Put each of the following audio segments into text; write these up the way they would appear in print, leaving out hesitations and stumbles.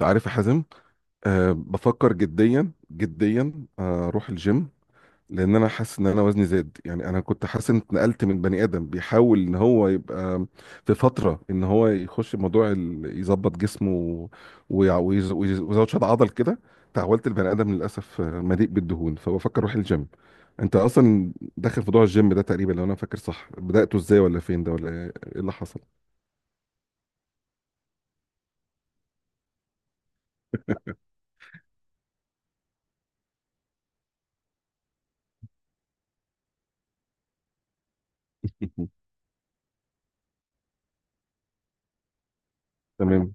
عارف يا حازم؟ بفكر جديا جديا، اروح الجيم. لان انا حاسس ان انا وزني زاد. يعني انا كنت حاسس ان اتنقلت من بني ادم بيحاول ان هو يبقى في فتره ان هو يخش موضوع يظبط جسمه. ويزود شد عضل كده. تحولت لبني ادم للاسف، مليء بالدهون، فبفكر اروح الجيم. انت اصلا داخل في موضوع الجيم ده؟ تقريبا لو انا فاكر صح، بدأته ازاي ولا فين ده ولا إيه اللي حصل؟ تمام.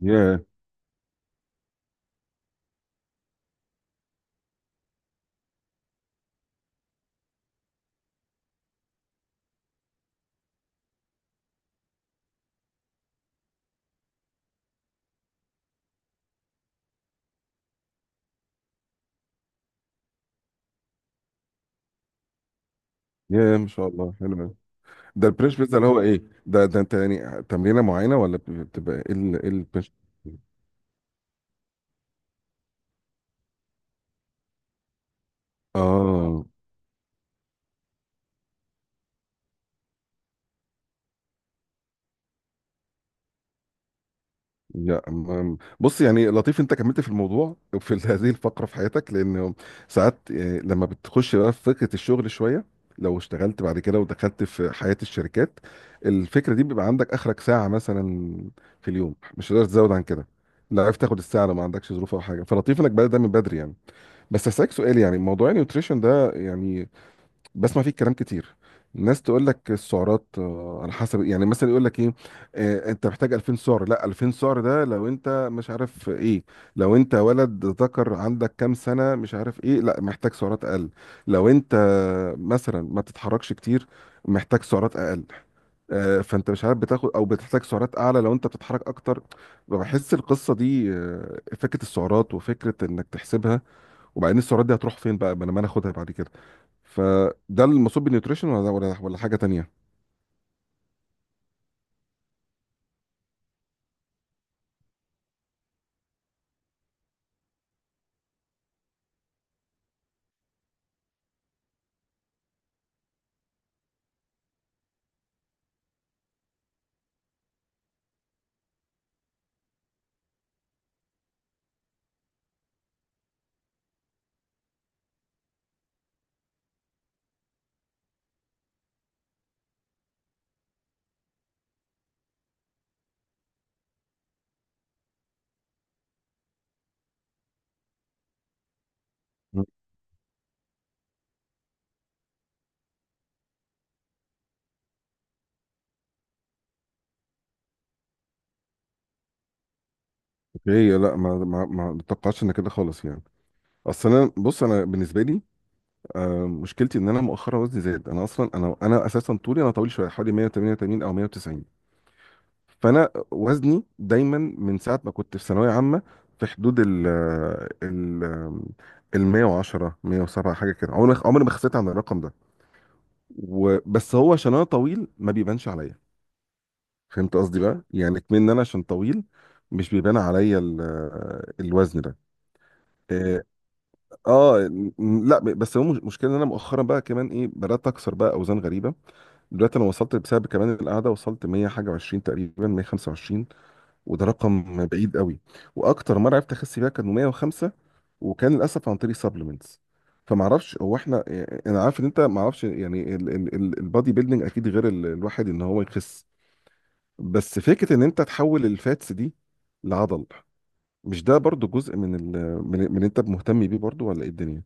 ياه ياه، ما شاء الله، حلو. ده البريش بيتزا اللي هو ايه؟ ده انت يعني تمرينه معينه ولا بتبقى ايه البريش؟ اه. بص، يعني لطيف انت كملت في الموضوع في هذه الفقره في حياتك، لان ساعات، لما بتخش بقى في فكره الشغل شويه، لو اشتغلت بعد كده ودخلت في حياه الشركات، الفكره دي بيبقى عندك اخرك ساعه مثلا في اليوم، مش هتقدر تزود عن كده. لا عرفت تاخد الساعه لو ما عندكش ظروف او حاجه، فلطيف انك بدأت ده من بدري يعني. بس هسألك سؤال. يعني موضوع النيوتريشن ده، يعني بسمع فيه كلام كتير. الناس تقول لك السعرات على حسب. يعني مثلا يقول لك ايه آه، انت محتاج 2000 سعر، لا 2000 سعر ده لو انت مش عارف ايه. لو انت ولد ذكر عندك كام سنة مش عارف ايه، لا محتاج سعرات اقل. لو انت مثلا ما بتتحركش كتير، محتاج سعرات اقل. فانت مش عارف، بتاخد او بتحتاج سعرات اعلى لو انت بتتحرك اكتر. بحس القصه دي، فكره السعرات وفكره انك تحسبها، وبعدين السعرات دي هتروح فين بقى، ما أنا اخدها بعد كده. فده المقصود بالنيوتريشن ولا حاجه تانية؟ مم. اوكي، لا ما توقعتش ان كده خالص يعني. اصل انا، بص بالنسبه لي، مشكلتي ان انا مؤخرا وزني زاد. انا اصلا، انا اساسا طولي، انا طويل شويه، حوالي 188 او 190. فانا وزني دايما من ساعه ما كنت في ثانويه عامه، في حدود ال ال 110، 107 حاجه كده. عمري ما خسيت عن الرقم ده. وبس هو عشان انا طويل ما بيبانش عليا. فهمت قصدي بقى؟ يعني كمان انا عشان طويل، مش بيبان عليا الوزن ده. اه. آه، لا بس هو مشكلة ان انا مؤخرا بقى كمان ايه، بدات اكسر بقى اوزان غريبه. دلوقتي انا وصلت، بسبب كمان القعده، وصلت 100 حاجه و20 تقريبا، 125، وده رقم بعيد قوي. واكتر مره عرفت اخس بيها كان 105، وكان للاسف عن طريق سبلمنتس. فما اعرفش هو احنا، انا عارف ان انت ما اعرفش يعني. البادي بيلدينج اكيد غير الواحد ان هو يخس. بس فكره ان انت تحول الفاتس دي لعضل، مش ده برضو جزء من اللي انت مهتم بيه برضو، ولا ايه الدنيا؟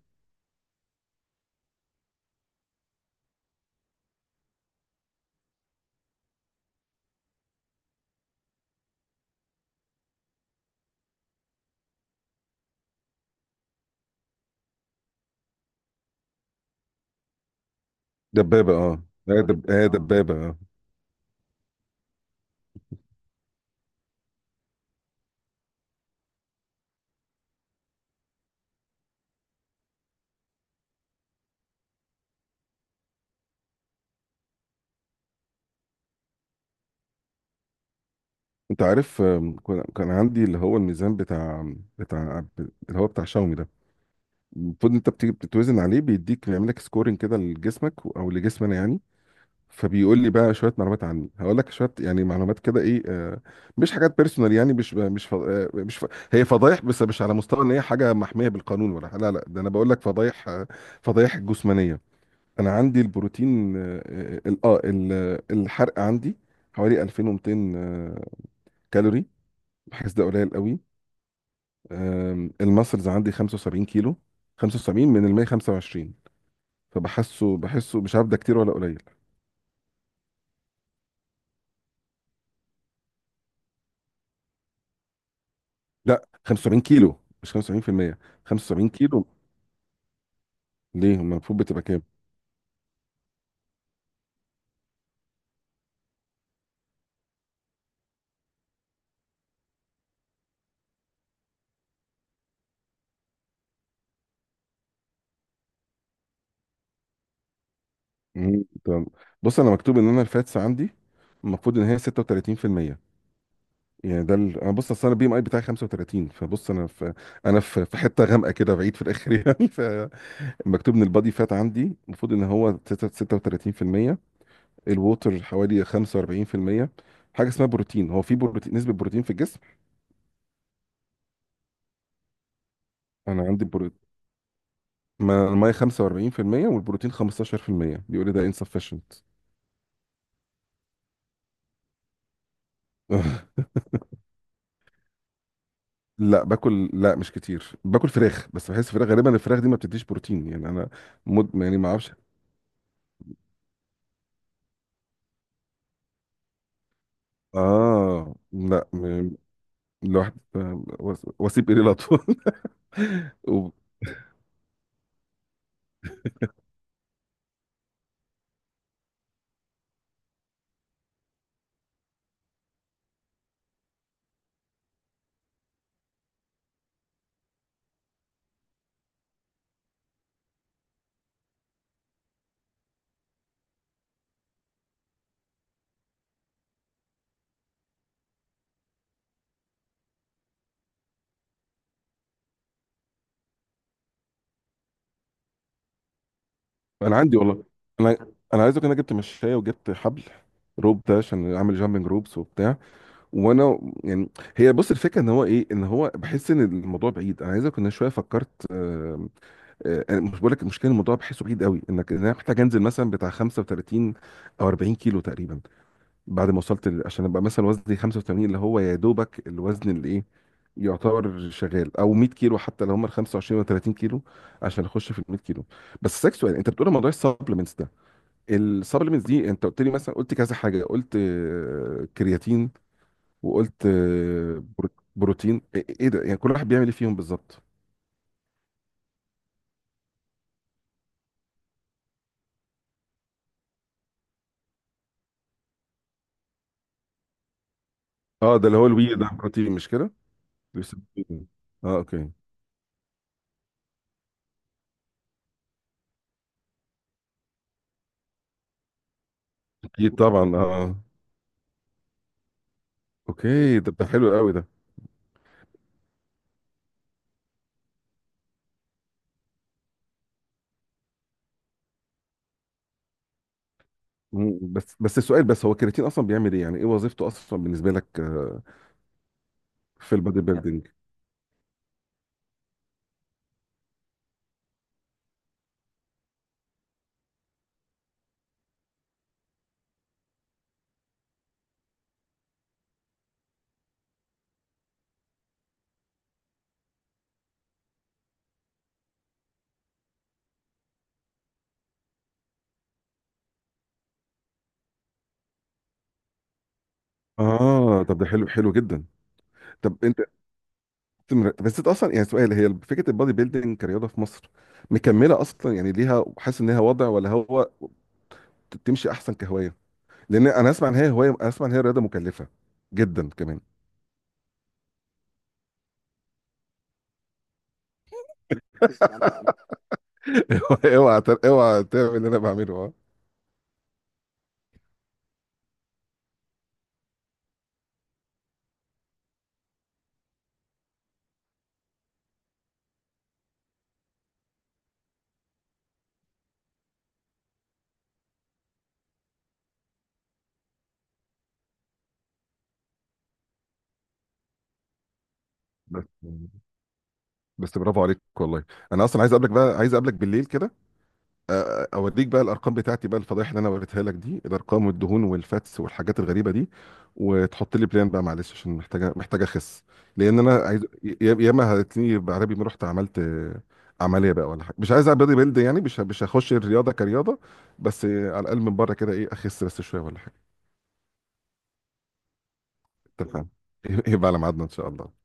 دبابه اه، لا دبابة، اه دبابه اه. انت عارف، كان عندي اللي هو الميزان بتاع اللي هو بتاع شاومي ده. المفروض انت بتيجي بتتوزن عليه بيديك، بيعمل لك سكورنج كده لجسمك او لجسمنا يعني. فبيقول لي بقى شويه معلومات عني. هقول لك شويه يعني معلومات، كده ايه مش حاجات بيرسونال يعني، مش مش ف- هي فضايح، بس مش على مستوى ان هي حاجه محميه بالقانون. ولا، لا، لا، ده انا بقول لك فضايح فضايح جسمانيه. انا عندي البروتين، الحرق عندي حوالي 2200 كالوري. بحس ده قليل قوي. الماسلز عندي 75 كيلو، 75 من ال 125. فبحسه، مش عارف ده كتير ولا قليل. لا، 75 كيلو، مش 75%. 75 كيلو ليه؟ أما المفروض بتبقى كام؟ مم، تمام. بص، انا مكتوب ان انا الفاتس عندي، المفروض ان هي 36%. يعني انا بص، اصل انا البي ام اي بتاعي 35، فبص انا في انا في حته غامقه كده بعيد في الاخر يعني. فمكتوب ان البادي فات عندي المفروض ان هو 36%، الووتر حوالي 45%. حاجه اسمها بروتين، هو في بروتين، نسبه بروتين في الجسم. انا عندي بروتين، الميه 45% والبروتين 15%. بيقول لي ده insufficient. لا، باكل، لا مش كتير. باكل فراخ، بس بحس فراخ، غالبا الفراخ دي ما بتديش بروتين، يعني انا يعني ما اعرفش. اه، لا م- الواحد وسيب ايدي الاطفال و- انا عندي والله. انا عايز اقول إن انا جبت مشايه وجبت حبل، روب ده، عشان اعمل جامبنج روبس وبتاع، وانا يعني. هي بص، الفكره ان هو ايه، ان هو بحس ان الموضوع بعيد. انا عايز اقول انا شويه فكرت، انا مش بقول لك المشكله، الموضوع بحسه بعيد قوي انك، إن انا محتاج انزل مثلا بتاع 35 او 40 كيلو تقريبا. بعد ما عشان ابقى مثلا وزني 85، اللي هو يا دوبك الوزن اللي ايه يعتبر شغال، او 100 كيلو حتى لو هم ال 25 و 30 كيلو، عشان اخش في ال 100 كيلو. بس اسالك سؤال. انت بتقول موضوع السبلمنتس ده، السبلمنتس دي انت قلت لي مثلا، قلت كذا حاجه. قلت كرياتين، وقلت بروتين، إيه ده يعني كل واحد بيعمل ايه فيهم بالظبط؟ اه، ده اللي هو الوي ده بروتين، مش كده؟ بيسبوني. اه، اوكي. اكيد طبعا اه. اوكي، ده حلو قوي ده. مم، بس السؤال، بس هو الكرياتين اصلا بيعمل ايه، يعني ايه وظيفته اصلا بالنسبه لك، في البادي بيلدينج؟ اه، طب ده حلو حلو جدا. طب انت بس انت اصلا يعني سؤال. هي فكره البادي بيلدينج كرياضه في مصر، مكمله اصلا يعني ليها، حاسس ان هي وضع، ولا هو تمشي احسن كهوايه؟ لان انا اسمع ان هي هوايه، اسمع ان هي رياضه مكلفه جدا كمان. اوعى، اوعى تعمل اللي انا بعمله اه. بس بس برافو عليك والله. انا اصلا عايز اقابلك بقى، عايز اقابلك بالليل كده. اوريك بقى الارقام بتاعتي بقى، الفضايح اللي انا وريتها لك دي، الارقام والدهون والفاتس والحاجات الغريبه دي. وتحط لي بلان بقى، معلش عشان محتاجه اخس. لان انا عايز، ياما هتلاقيني بعربي ما رحت عملت عمليه بقى ولا حاجه. مش عايز اعمل بودي بيلد يعني، مش هخش الرياضه كرياضه. بس على الاقل من بره كده ايه، اخس بس شويه ولا حاجه. اتفقنا. يبقى على ميعادنا ان شاء الله.